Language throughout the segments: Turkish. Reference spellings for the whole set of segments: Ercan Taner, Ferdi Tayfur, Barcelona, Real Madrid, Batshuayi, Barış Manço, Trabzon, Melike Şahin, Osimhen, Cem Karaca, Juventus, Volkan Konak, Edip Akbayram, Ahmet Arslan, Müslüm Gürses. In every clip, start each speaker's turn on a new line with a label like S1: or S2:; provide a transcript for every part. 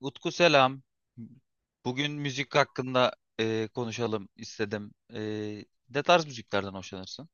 S1: Utku selam. Bugün müzik hakkında konuşalım istedim. Ne tarz müziklerden hoşlanırsın?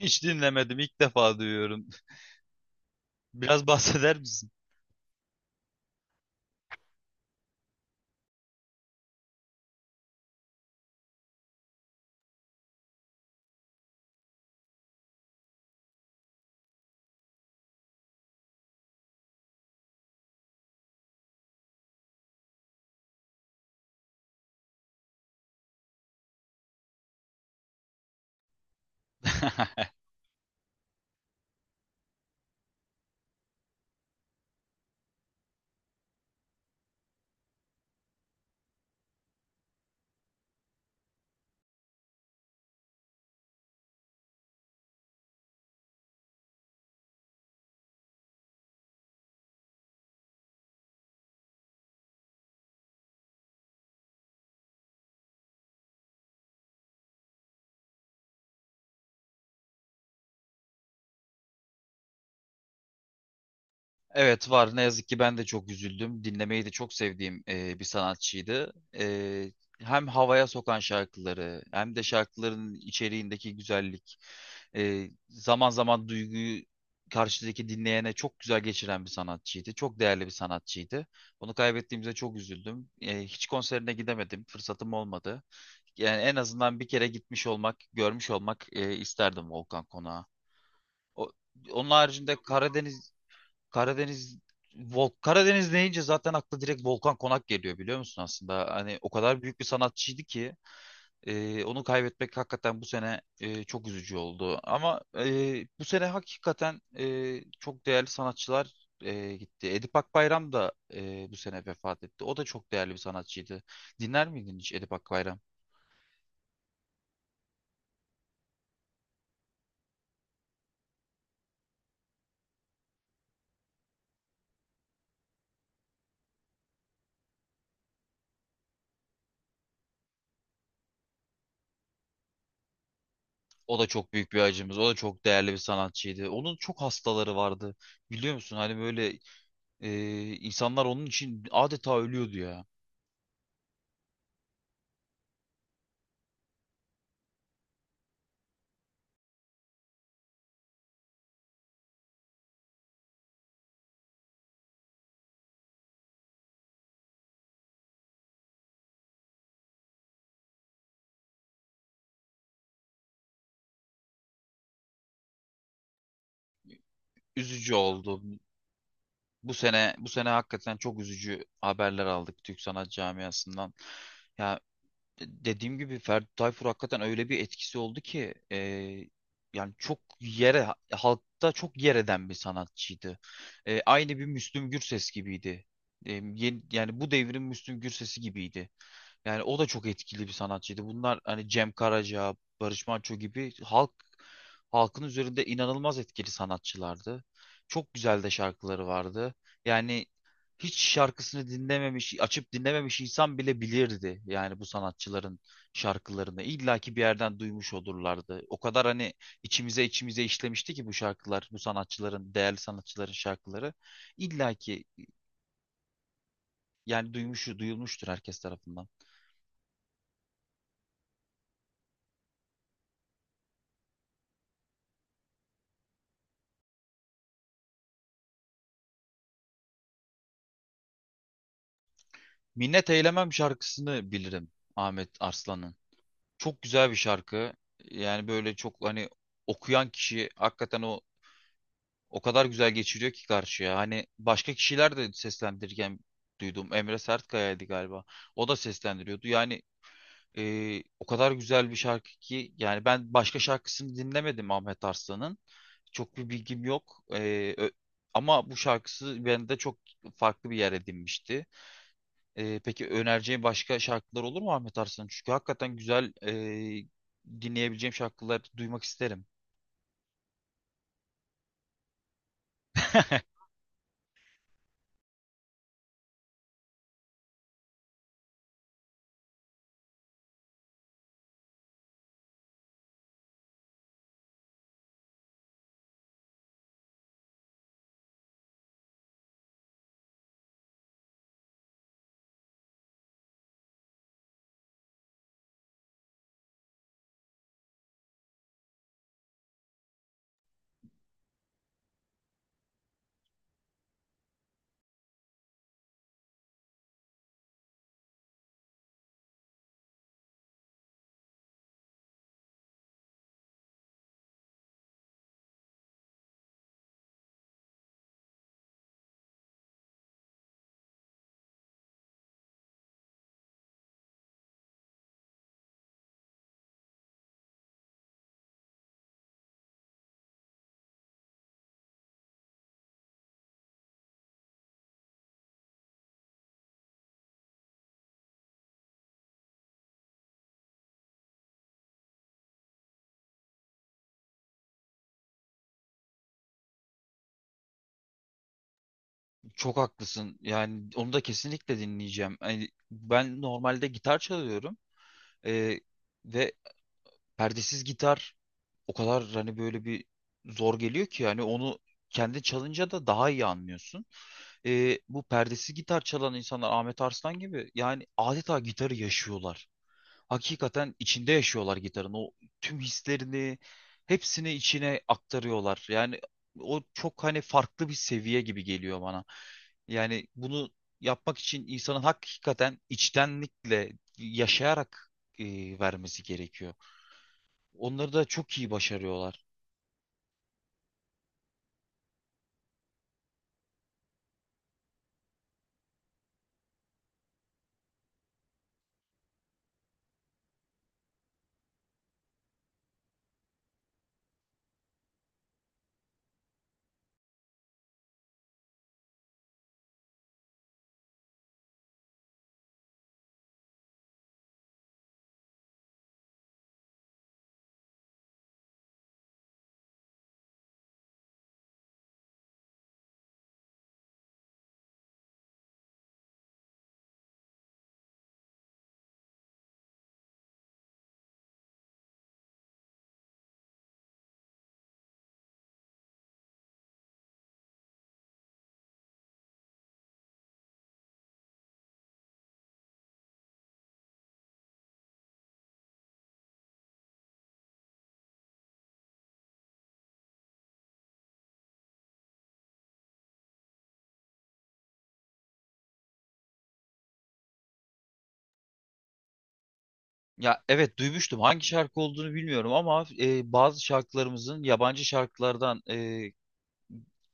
S1: Hiç dinlemedim, ilk defa duyuyorum. Biraz bahseder misin? Evet var. Ne yazık ki ben de çok üzüldüm. Dinlemeyi de çok sevdiğim bir sanatçıydı. Hem havaya sokan şarkıları hem de şarkıların içeriğindeki güzellik, zaman zaman duyguyu karşıdaki dinleyene çok güzel geçiren bir sanatçıydı. Çok değerli bir sanatçıydı. Onu kaybettiğimize çok üzüldüm. Hiç konserine gidemedim. Fırsatım olmadı. Yani en azından bir kere gitmiş olmak, görmüş olmak isterdim Volkan Konak'a. O- Onun haricinde Karadeniz Karadeniz deyince zaten akla direkt Volkan Konak geliyor biliyor musun aslında? Hani o kadar büyük bir sanatçıydı ki onu kaybetmek hakikaten bu sene çok üzücü oldu. Ama bu sene hakikaten çok değerli sanatçılar gitti. Edip Akbayram da bu sene vefat etti. O da çok değerli bir sanatçıydı. Dinler miydin hiç Edip Akbayram? O da çok büyük bir acımız. O da çok değerli bir sanatçıydı. Onun çok hastaları vardı. Biliyor musun? Hani böyle insanlar onun için adeta ölüyordu ya. Üzücü oldu. Bu sene hakikaten çok üzücü haberler aldık Türk sanat camiasından. Ya dediğim gibi Ferdi Tayfur hakikaten öyle bir etkisi oldu ki yani çok yere halkta çok yer eden bir sanatçıydı. Aynı bir Müslüm Gürses gibiydi. Yani bu devrin Müslüm Gürses'i gibiydi. Yani o da çok etkili bir sanatçıydı. Bunlar hani Cem Karaca, Barış Manço gibi halkın üzerinde inanılmaz etkili sanatçılardı. Çok güzel de şarkıları vardı. Yani hiç şarkısını dinlememiş, açıp dinlememiş insan bile bilirdi yani bu sanatçıların şarkılarını. İlla ki bir yerden duymuş olurlardı. O kadar hani içimize içimize işlemişti ki bu şarkılar, bu sanatçıların, değerli sanatçıların şarkıları. İlla ki yani duymuş, duyulmuştur herkes tarafından. Minnet Eylemem şarkısını bilirim Ahmet Arslan'ın. Çok güzel bir şarkı. Yani böyle çok hani okuyan kişi hakikaten o kadar güzel geçiriyor ki karşıya. Hani başka kişiler de seslendirirken duydum. Emre Sertkaya'ydı galiba. O da seslendiriyordu. Yani o kadar güzel bir şarkı ki yani ben başka şarkısını dinlemedim Ahmet Arslan'ın. Çok bir bilgim yok. Ama bu şarkısı bende çok farklı bir yer edinmişti. Peki önereceğin başka şarkılar olur mu Ahmet Arslan? Çünkü hakikaten güzel dinleyebileceğim şarkılar duymak isterim. Çok haklısın. Yani onu da kesinlikle dinleyeceğim. Yani ben normalde gitar çalıyorum. Ee, ve perdesiz gitar o kadar hani böyle bir zor geliyor ki yani onu kendi çalınca da daha iyi anlıyorsun. Bu perdesiz gitar çalan insanlar Ahmet Arslan gibi yani adeta gitarı yaşıyorlar. Hakikaten içinde yaşıyorlar gitarın. O tüm hislerini hepsini içine aktarıyorlar. Yani o çok hani farklı bir seviye gibi geliyor bana. Yani bunu yapmak için insanın hakikaten içtenlikle yaşayarak vermesi gerekiyor. Onları da çok iyi başarıyorlar. Ya evet duymuştum hangi şarkı olduğunu bilmiyorum ama bazı şarkılarımızın yabancı şarkılardan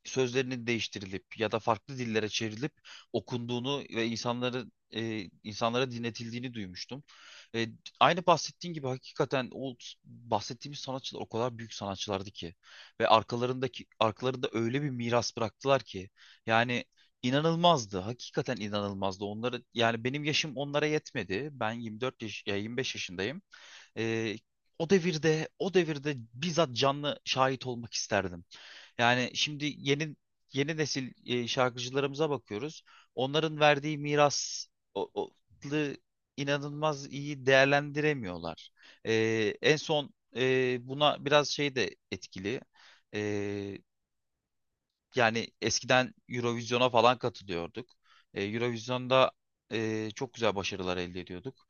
S1: sözlerinin değiştirilip ya da farklı dillere çevrilip okunduğunu ve insanlara dinletildiğini duymuştum. E, aynı bahsettiğin gibi hakikaten o bahsettiğimiz sanatçılar o kadar büyük sanatçılardı ki ve arkalarında öyle bir miras bıraktılar ki yani inanılmazdı. Hakikaten inanılmazdı. Onları yani benim yaşım onlara yetmedi. Ben 24 yaş ya 25 yaşındayım. Ee, o devirde bizzat canlı şahit olmak isterdim. Yani şimdi yeni nesil şarkıcılarımıza bakıyoruz. Onların verdiği miras o, o- lı inanılmaz iyi değerlendiremiyorlar. En son buna biraz şey de etkili. E, yani eskiden Eurovision'a falan katılıyorduk. Eurovision'da çok güzel başarılar elde ediyorduk.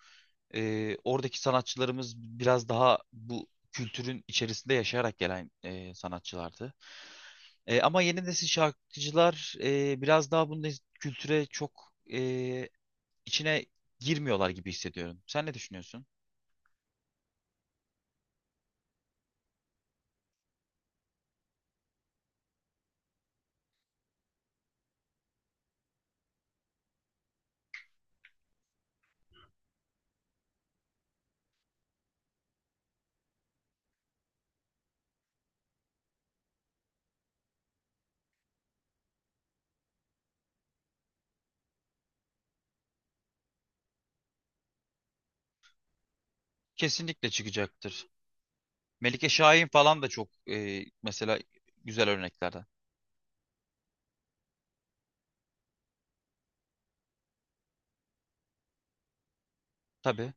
S1: Oradaki sanatçılarımız biraz daha bu kültürün içerisinde yaşayarak gelen sanatçılardı. Ama yeni nesil şarkıcılar biraz daha bu kültüre çok içine girmiyorlar gibi hissediyorum. Sen ne düşünüyorsun? Kesinlikle çıkacaktır. Melike Şahin falan da çok mesela güzel örneklerden. Tabii.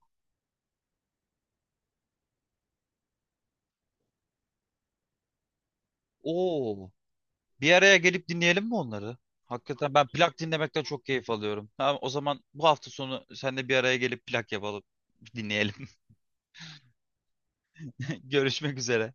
S1: Oo, bir araya gelip dinleyelim mi onları? Hakikaten ben plak dinlemekten çok keyif alıyorum. Tamam, o zaman bu hafta sonu sen de bir araya gelip plak yapalım, dinleyelim. Görüşmek üzere.